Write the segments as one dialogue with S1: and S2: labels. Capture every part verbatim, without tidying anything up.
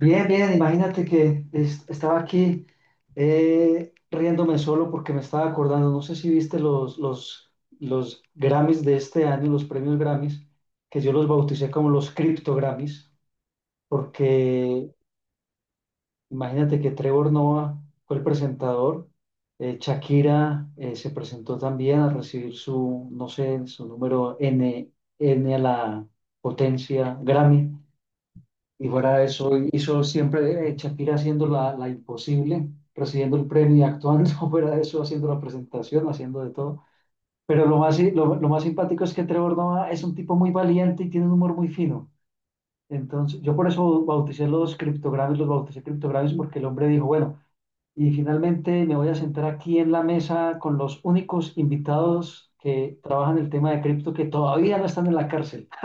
S1: Bien, bien, imagínate que es- estaba aquí eh, riéndome solo porque me estaba acordando, no sé si viste los, los, los Grammys de este año, los premios Grammys, que yo los bauticé como los Crypto Grammys, porque imagínate que Trevor Noah fue el presentador. eh, Shakira eh, se presentó también a recibir su, no sé, su número N, N a la potencia Grammy. Y fuera de eso, hizo siempre eh, Shakira haciendo la, la imposible, recibiendo el premio y actuando, fuera de eso, haciendo la presentación, haciendo de todo. Pero lo más, si- lo, lo más simpático es que Trevor Noah es un tipo muy valiente y tiene un humor muy fino. Entonces, yo por eso bauticé los criptogramas, los bauticé criptogramas porque el hombre dijo, bueno, y finalmente me voy a sentar aquí en la mesa con los únicos invitados que trabajan el tema de cripto que todavía no están en la cárcel.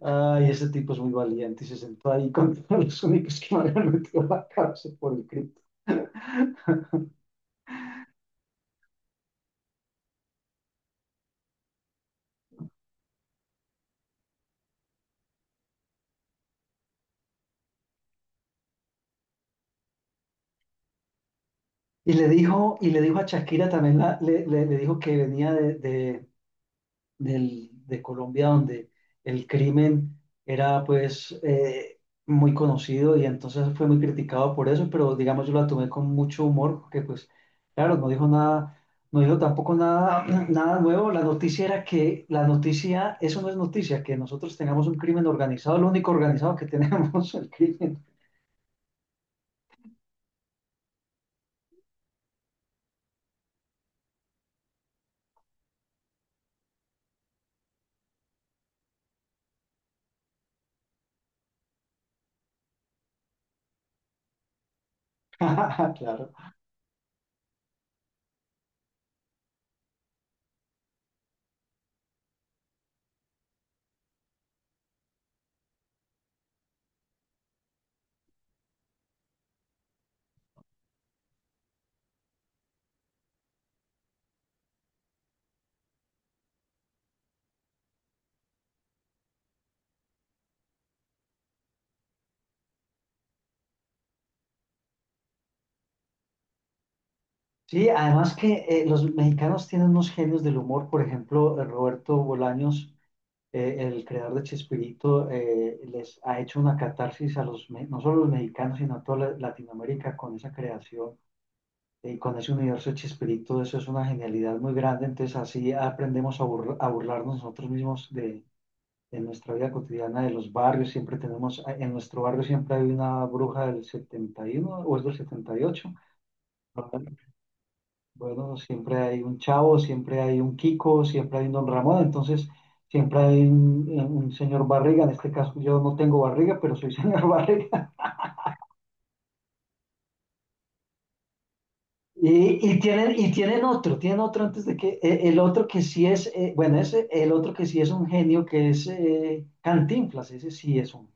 S1: Ay, ese tipo es muy valiente y se sentó ahí con todos los únicos que me habían metido a la cárcel por el cripto. Y le dijo, y le dijo a Shakira también, la- le, le- le dijo que venía de, de- del- de Colombia donde el crimen era pues eh, muy conocido y entonces fue muy criticado por eso, pero digamos yo la tomé con mucho humor porque pues claro, no dijo nada, no dijo tampoco nada, nada nuevo. La noticia era que la noticia, eso no es noticia, que nosotros tengamos un crimen organizado, lo único organizado que tenemos, el crimen. Claro. Sí, además que eh, los mexicanos tienen unos genios del humor, por ejemplo, eh, Roberto Bolaños, eh, el creador de Chespirito, eh, les ha hecho una catarsis a los, me- no solo a los mexicanos, sino a toda la- Latinoamérica con esa creación eh, y con ese universo de Chespirito. Eso es una genialidad muy grande. Entonces, así aprendemos a, burl- a burlarnos nosotros mismos de, de nuestra vida cotidiana, de los barrios. Siempre tenemos, en nuestro barrio siempre hay una bruja del setenta y uno o es del setenta y ocho. Bueno, siempre hay un Chavo, siempre hay un Kiko, siempre hay un Don Ramón, entonces siempre hay un, un señor Barriga. En este caso yo no tengo barriga, pero soy señor Barriga. Y, y tienen, y tienen otro, tienen otro antes de que, eh, el otro que sí es, eh, bueno, ese, el otro que sí es un genio, que es eh, Cantinflas, ese sí es un.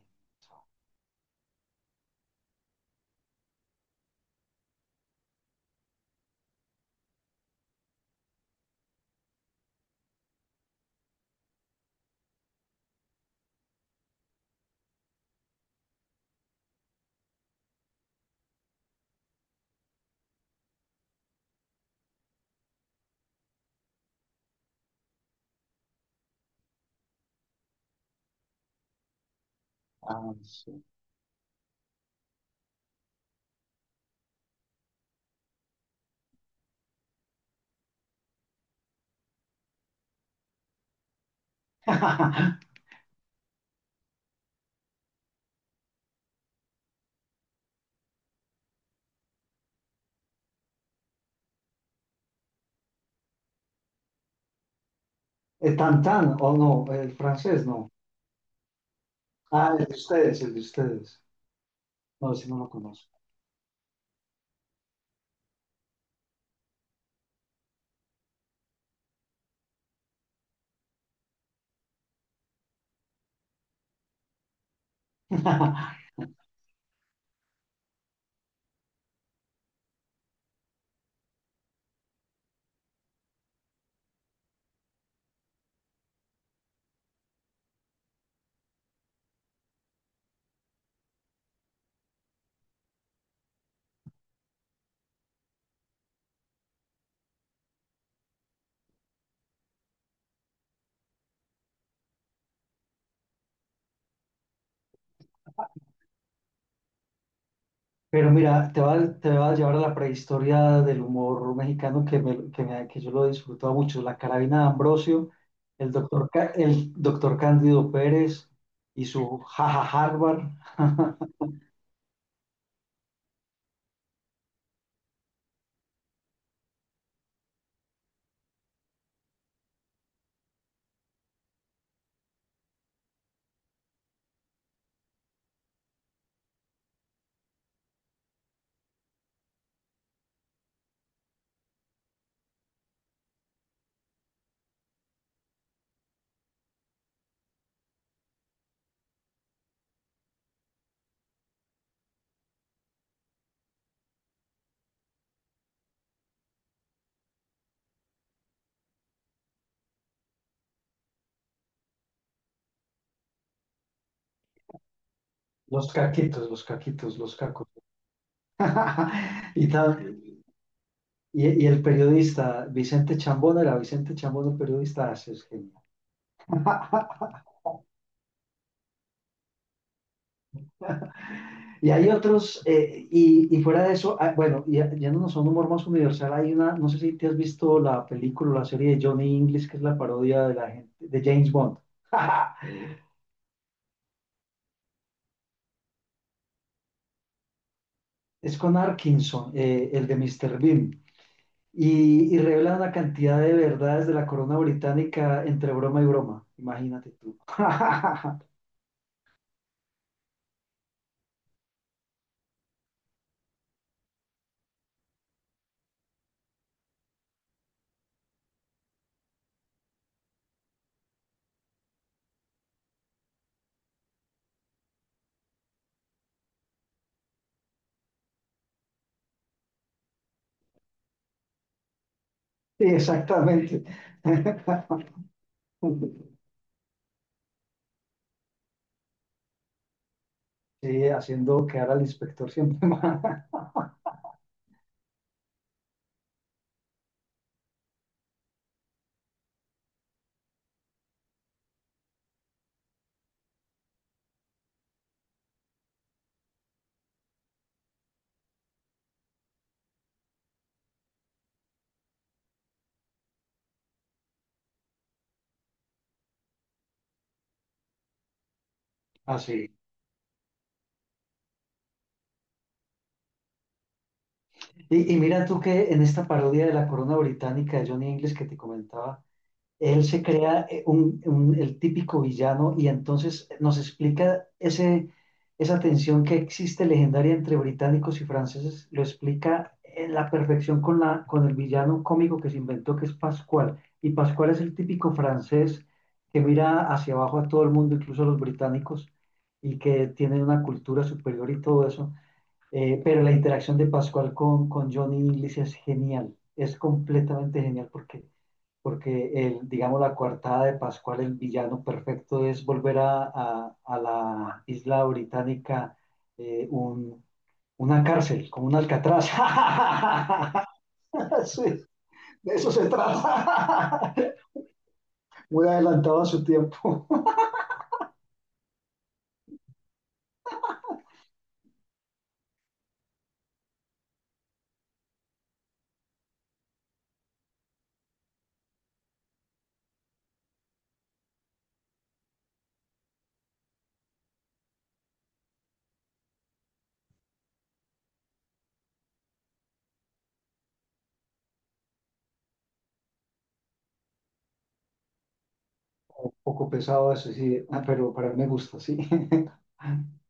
S1: Ah, sí. El Tantán, o no, el francés, no. Ah, el de ustedes, el de ustedes. No, ese no lo conozco. Pero mira, te va, te va a llevar a la prehistoria del humor mexicano que, me- que, me- que yo lo disfrutaba mucho. La Carabina de Ambrosio, el doctor, Ca- el doctor Cándido Pérez y su jaja Harvard. Los caquitos, los caquitos, los cacos. Y, tal, y, y el periodista Vicente Chambón, era Vicente Chambón el periodista, así es genial. Y hay otros, eh, y, y, fuera de eso, ah, bueno, ya, yéndonos a un humor más universal, hay una, no sé si te has visto la película o la serie de Johnny English, que es la parodia de la gente, de James Bond. Es con Arkinson, eh, el de Mister Bean, y, y, revela una cantidad de verdades de la corona británica entre broma y broma. Imagínate tú. Sí, exactamente. Sí, haciendo quedar al inspector siempre más. Así. Y, y mira tú que en esta parodia de la corona británica de Johnny English que te comentaba, él se crea eh, un- un- el típico villano y entonces nos explica ese, esa tensión que existe legendaria entre británicos y franceses, lo explica en la perfección con, la, con el villano cómico que se inventó, que es Pascual. Y Pascual es el típico francés que mira hacia abajo a todo el mundo, incluso a los británicos, y que tiene una cultura superior y todo eso. Eh, pero la interacción de Pascual con, con Johnny English es genial, es completamente genial porque, porque el, digamos, la coartada de Pascual, el villano perfecto, es volver a, a- a la isla británica, eh, un- una cárcel, como un Alcatraz. Sí, de eso se trata. Muy adelantado a su tiempo. Un poco pesado eso, sí, ah, pero, pero a mí me gusta, sí.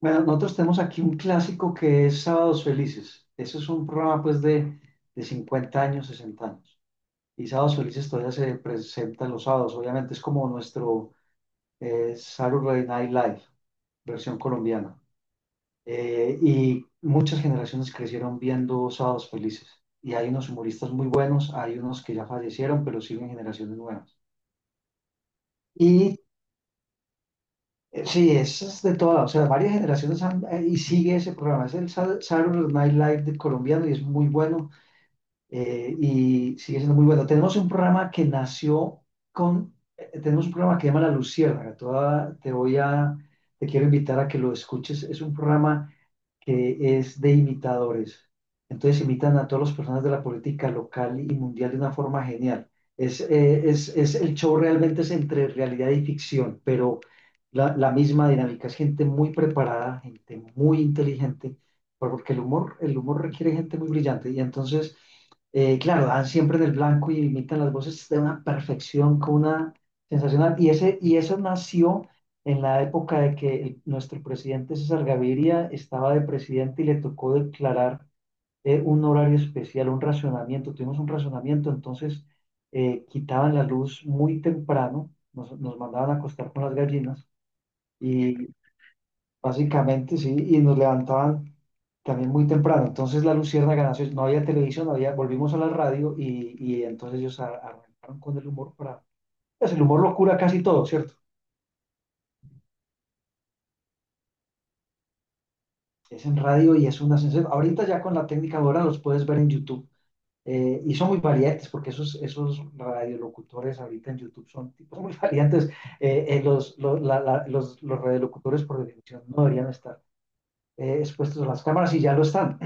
S1: Bueno, nosotros tenemos aquí un clásico que es Sábados Felices. Ese es un programa pues de, de cincuenta años, sesenta años. Y Sábados Felices todavía se presenta los sábados. Obviamente es como nuestro eh, Saturday Night Live, versión colombiana. Eh, y muchas generaciones crecieron viendo Sábados Felices. Y hay unos humoristas muy buenos, hay unos que ya fallecieron, pero siguen generaciones nuevas. Y Eh, sí, eso es de toda, o sea, varias generaciones han- eh, y sigue ese programa. Es el Sa- Saturday Night Live de colombiano y es muy bueno, eh, y sigue siendo muy bueno. Tenemos un programa que nació con, eh, tenemos un programa que se llama La Luciérnaga. Te voy a, te voy a- te quiero invitar a que lo escuches. Es un programa que es de imitadores. Entonces imitan a todas las personas de la política local y mundial de una forma genial. Es, eh, es, es- el show realmente es entre realidad y ficción, pero la, la misma dinámica. Es gente muy preparada, gente muy inteligente, porque el humor, el humor requiere gente muy brillante. Y entonces, eh, claro, dan siempre en el blanco y imitan las voces de una perfección, con una sensacional. Y, ese, y eso nació en la época de que el- nuestro presidente César Gaviria estaba de presidente y le tocó declarar eh, un horario especial, un racionamiento. Tuvimos un racionamiento, entonces eh, quitaban la luz muy temprano, nos, nos mandaban a acostar con las gallinas y básicamente sí, y nos levantaban también muy temprano. Entonces la luciérnaga nació, no había televisión, no había, volvimos a la radio y, y entonces ellos a- arrancaron con el humor para... pues el humor lo cura casi todo, ¿cierto? Es en radio y es una sensación. Ahorita ya con la técnica ahora los puedes ver en YouTube. Eh, y son muy variantes, porque esos, esos radiolocutores ahorita en YouTube son tipos muy variantes. Eh, eh, los, los, la- la- los- Los radiolocutores, por definición, no deberían estar eh, expuestos a las cámaras y ya lo están.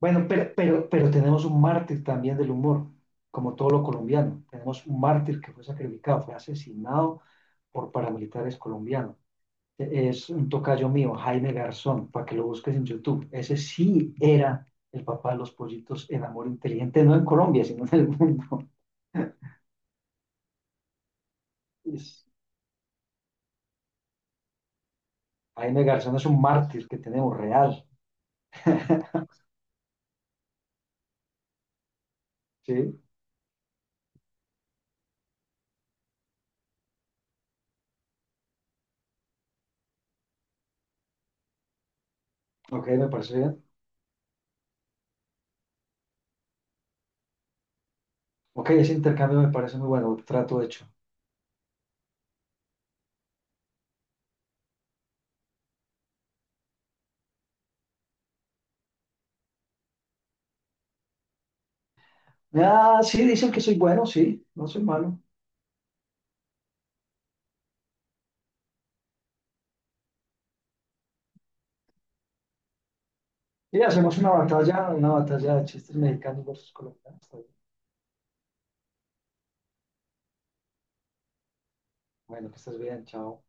S1: Bueno, pero, pero, pero tenemos un mártir también del humor, como todo lo colombiano. Tenemos un mártir que fue sacrificado, fue asesinado por paramilitares colombianos. Es un tocayo mío, Jaime Garzón, para que lo busques en YouTube. Ese sí era el papá de los pollitos en Amor Inteligente, no en Colombia, sino en el mundo. Es- Jaime Garzón es un mártir que tenemos real. Sí, ok, me parece bien. Ok, ese intercambio me parece muy bueno, trato hecho. Ah, sí, dicen que soy bueno, sí, no soy malo. Y hacemos una batalla, una batalla de chistes mexicanos versus colombianos. Está bien. Bueno, que estés bien, chao.